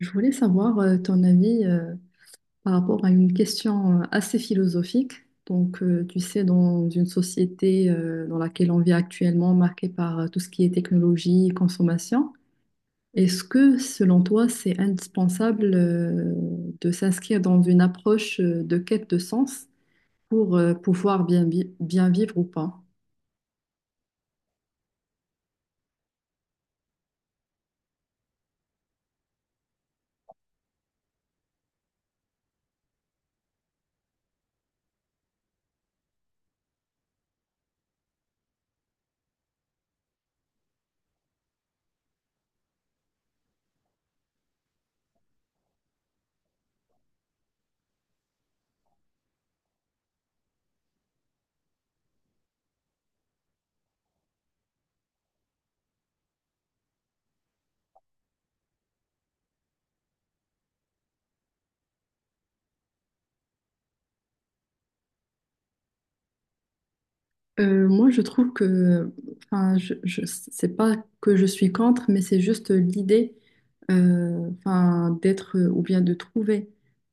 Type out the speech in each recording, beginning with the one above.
Je voulais savoir ton avis par rapport à une question assez philosophique. Donc, tu sais, dans une société dans laquelle on vit actuellement, marquée par tout ce qui est technologie, consommation, est-ce que, selon toi, c'est indispensable de s'inscrire dans une approche de quête de sens pour pouvoir bien, bien vivre ou pas? Moi, je trouve que, enfin, je, c'est pas que je suis contre, mais c'est juste l'idée, enfin, d'être ou bien de trouver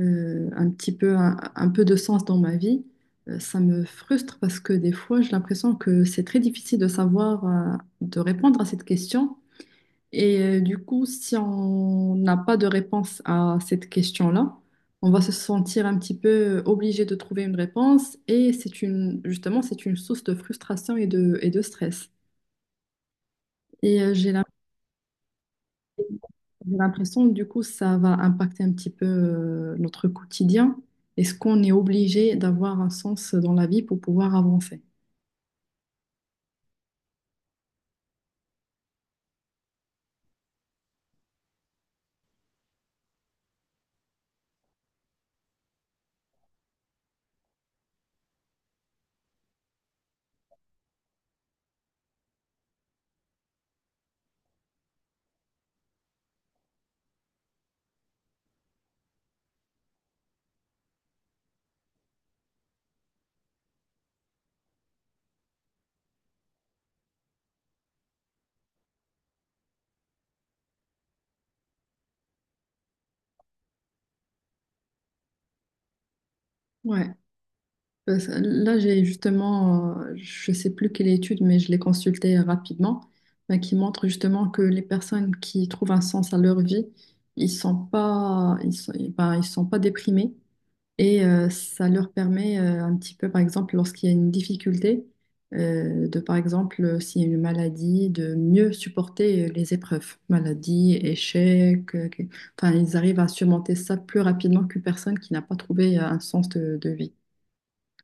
un petit peu, un peu de sens dans ma vie. Ça me frustre parce que des fois, j'ai l'impression que c'est très difficile de savoir, de répondre à cette question. Et du coup, si on n'a pas de réponse à cette question-là, on va se sentir un petit peu obligé de trouver une réponse et c'est une, justement, c'est une source de frustration et de stress. Et j'ai l'impression, du coup, ça va impacter un petit peu notre quotidien. Est-ce qu'on est obligé d'avoir un sens dans la vie pour pouvoir avancer? Ouais. Là, j'ai justement, je sais plus quelle étude, mais je l'ai consultée rapidement, bah, qui montre justement que les personnes qui trouvent un sens à leur vie, ils sont pas déprimés et ça leur permet un petit peu, par exemple, lorsqu'il y a une difficulté, s'il y a une maladie, de mieux supporter les épreuves, maladie, échec, enfin, ils arrivent à surmonter ça plus rapidement qu'une personne qui n'a pas trouvé un sens de vie.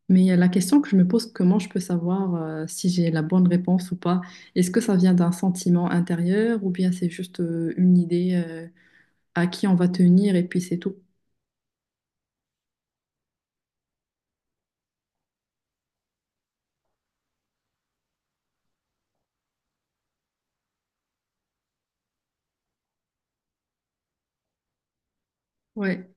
Mais la question que je me pose, comment je peux savoir si j'ai la bonne réponse ou pas? Est-ce que ça vient d'un sentiment intérieur ou bien c'est juste une idée à qui on va tenir et puis c'est tout? Ouais,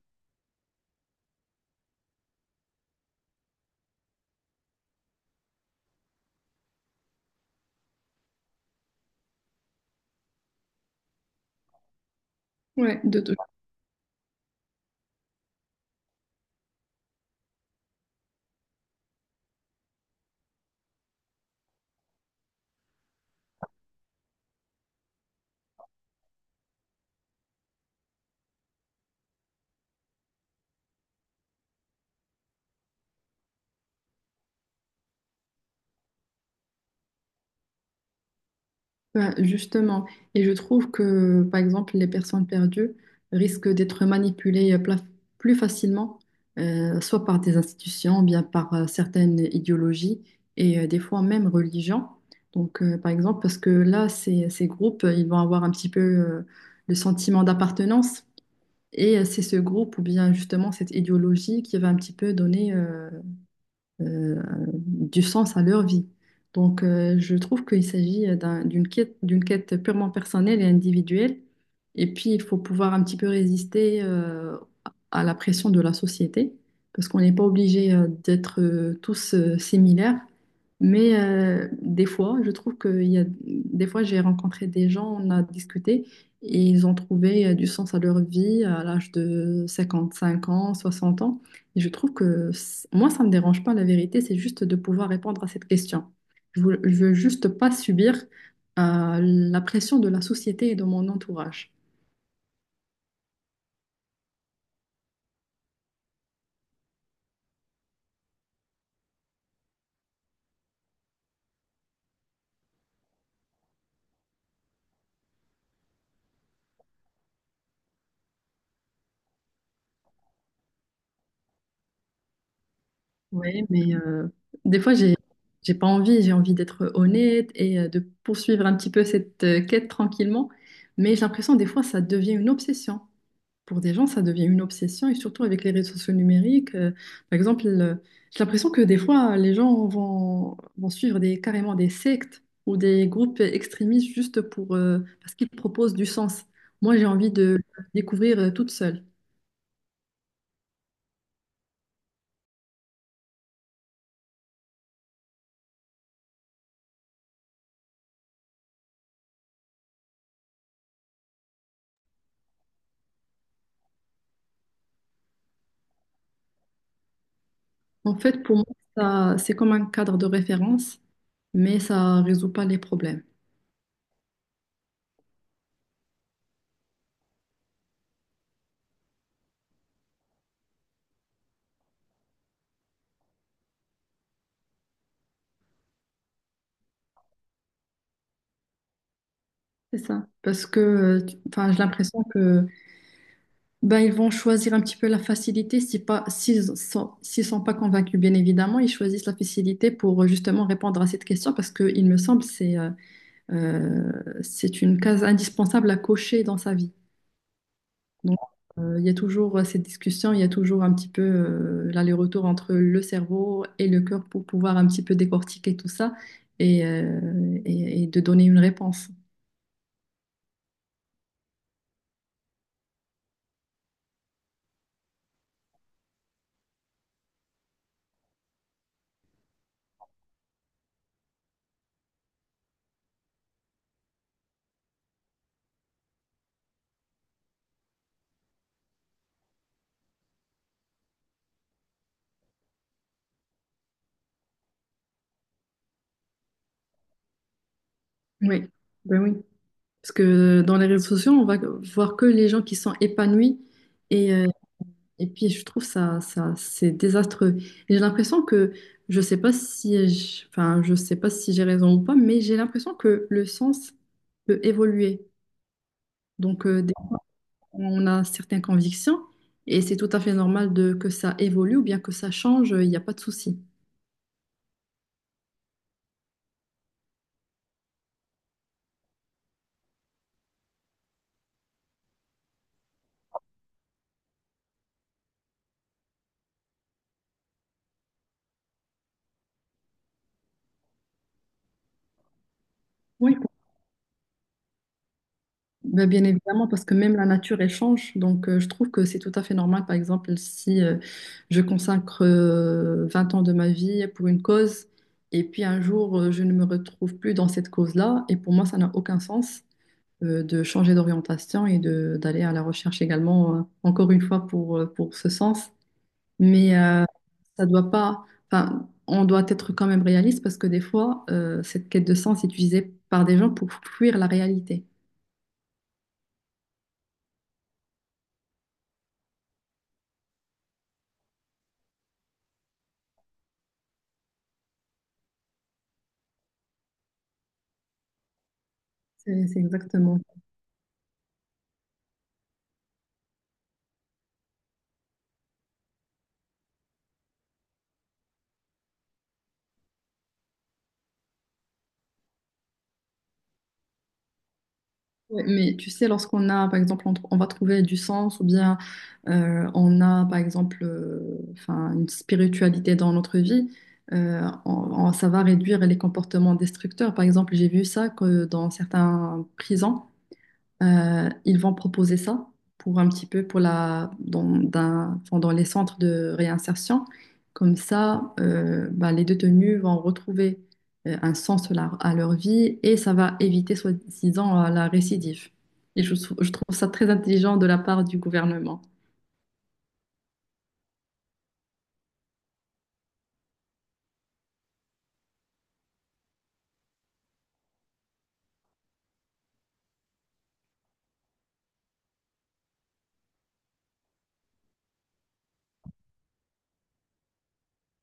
ouais. Ben, justement, et je trouve que, par exemple, les personnes perdues risquent d'être manipulées plus facilement, soit par des institutions, bien par certaines idéologies et des fois même religions. Donc, par exemple, parce que là, ces groupes, ils vont avoir un petit peu le sentiment d'appartenance, et c'est ce groupe ou bien justement cette idéologie qui va un petit peu donner euh, du sens à leur vie. Donc, je trouve qu'il s'agit d'une quête purement personnelle et individuelle. Et puis, il faut pouvoir un petit peu résister à la pression de la société, parce qu'on n'est pas obligé d'être tous similaires. Mais des fois, je trouve que il y a, des fois, j'ai rencontré des gens, on a discuté, et ils ont trouvé du sens à leur vie à l'âge de 55 ans, 60 ans. Et je trouve que moi, ça ne me dérange pas, la vérité, c'est juste de pouvoir répondre à cette question. Je veux juste pas subir la pression de la société et de mon entourage. Oui, mais des fois, j'ai, j'ai pas envie, j'ai envie d'être honnête et de poursuivre un petit peu cette quête tranquillement. Mais j'ai l'impression, des fois, ça devient une obsession. Pour des gens, ça devient une obsession, et surtout avec les réseaux sociaux numériques. Par exemple, euh, j'ai l'impression que des fois, vont suivre carrément des sectes ou des groupes extrémistes juste pour, parce qu'ils proposent du sens. Moi, j'ai envie de découvrir toute seule. En fait, pour moi, ça, c'est comme un cadre de référence, mais ça ne résout pas les problèmes. C'est ça. Parce que, enfin, j'ai l'impression que ben, ils vont choisir un petit peu la facilité si pas, s'ils sont pas convaincus, bien évidemment, ils choisissent la facilité pour justement répondre à cette question parce que, il me semble, euh, c'est une case indispensable à cocher dans sa vie. Donc, il y a toujours cette discussion, il y a toujours un petit peu l'aller-retour entre le cerveau et le cœur pour pouvoir un petit peu décortiquer tout ça et, et de donner une réponse. Oui, ben oui. Parce que dans les réseaux sociaux, on va voir que les gens qui sont épanouis. Et euh, Et puis, je trouve ça, c'est désastreux. Et j'ai l'impression que, je sais pas si, je- enfin, je sais pas si j'ai raison ou pas, mais j'ai l'impression que le sens peut évoluer. Donc, euh, des- on a certaines convictions et c'est tout à fait normal de, que ça évolue ou bien que ça change, il n'y a pas de souci. Oui. Ben, bien évidemment, parce que même la nature, elle change. Donc, je trouve que c'est tout à fait normal, par exemple, si je consacre 20 ans de ma vie pour une cause, et puis un jour, je ne me retrouve plus dans cette cause-là, et pour moi, ça n'a aucun sens de changer d'orientation et de d'aller à la recherche également, encore une fois, pour ce sens. Mais ça doit pas, enfin, on doit être quand même réaliste, parce que des fois, cette quête de sens est utilisée par des gens pour fuir la réalité. C'est exactement ouais, mais tu sais, lorsqu'on a, par exemple, on va trouver du sens ou bien on a, par exemple, enfin, une spiritualité dans notre vie, ça va réduire les comportements destructeurs. Par exemple, j'ai vu ça que dans certains prisons. Ils vont proposer ça pour un petit peu pour enfin, dans les centres de réinsertion. Comme ça, bah, les détenus vont retrouver un sens à leur vie et ça va éviter, soi-disant, la récidive. Et je trouve ça très intelligent de la part du gouvernement.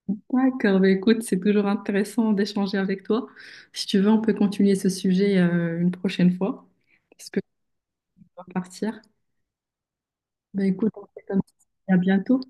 D'accord, bah, écoute, c'est toujours intéressant d'échanger avec toi. Si tu veux, on peut continuer ce sujet une prochaine fois, parce que je dois partir. Bah, écoute, on fait comme ça. À bientôt.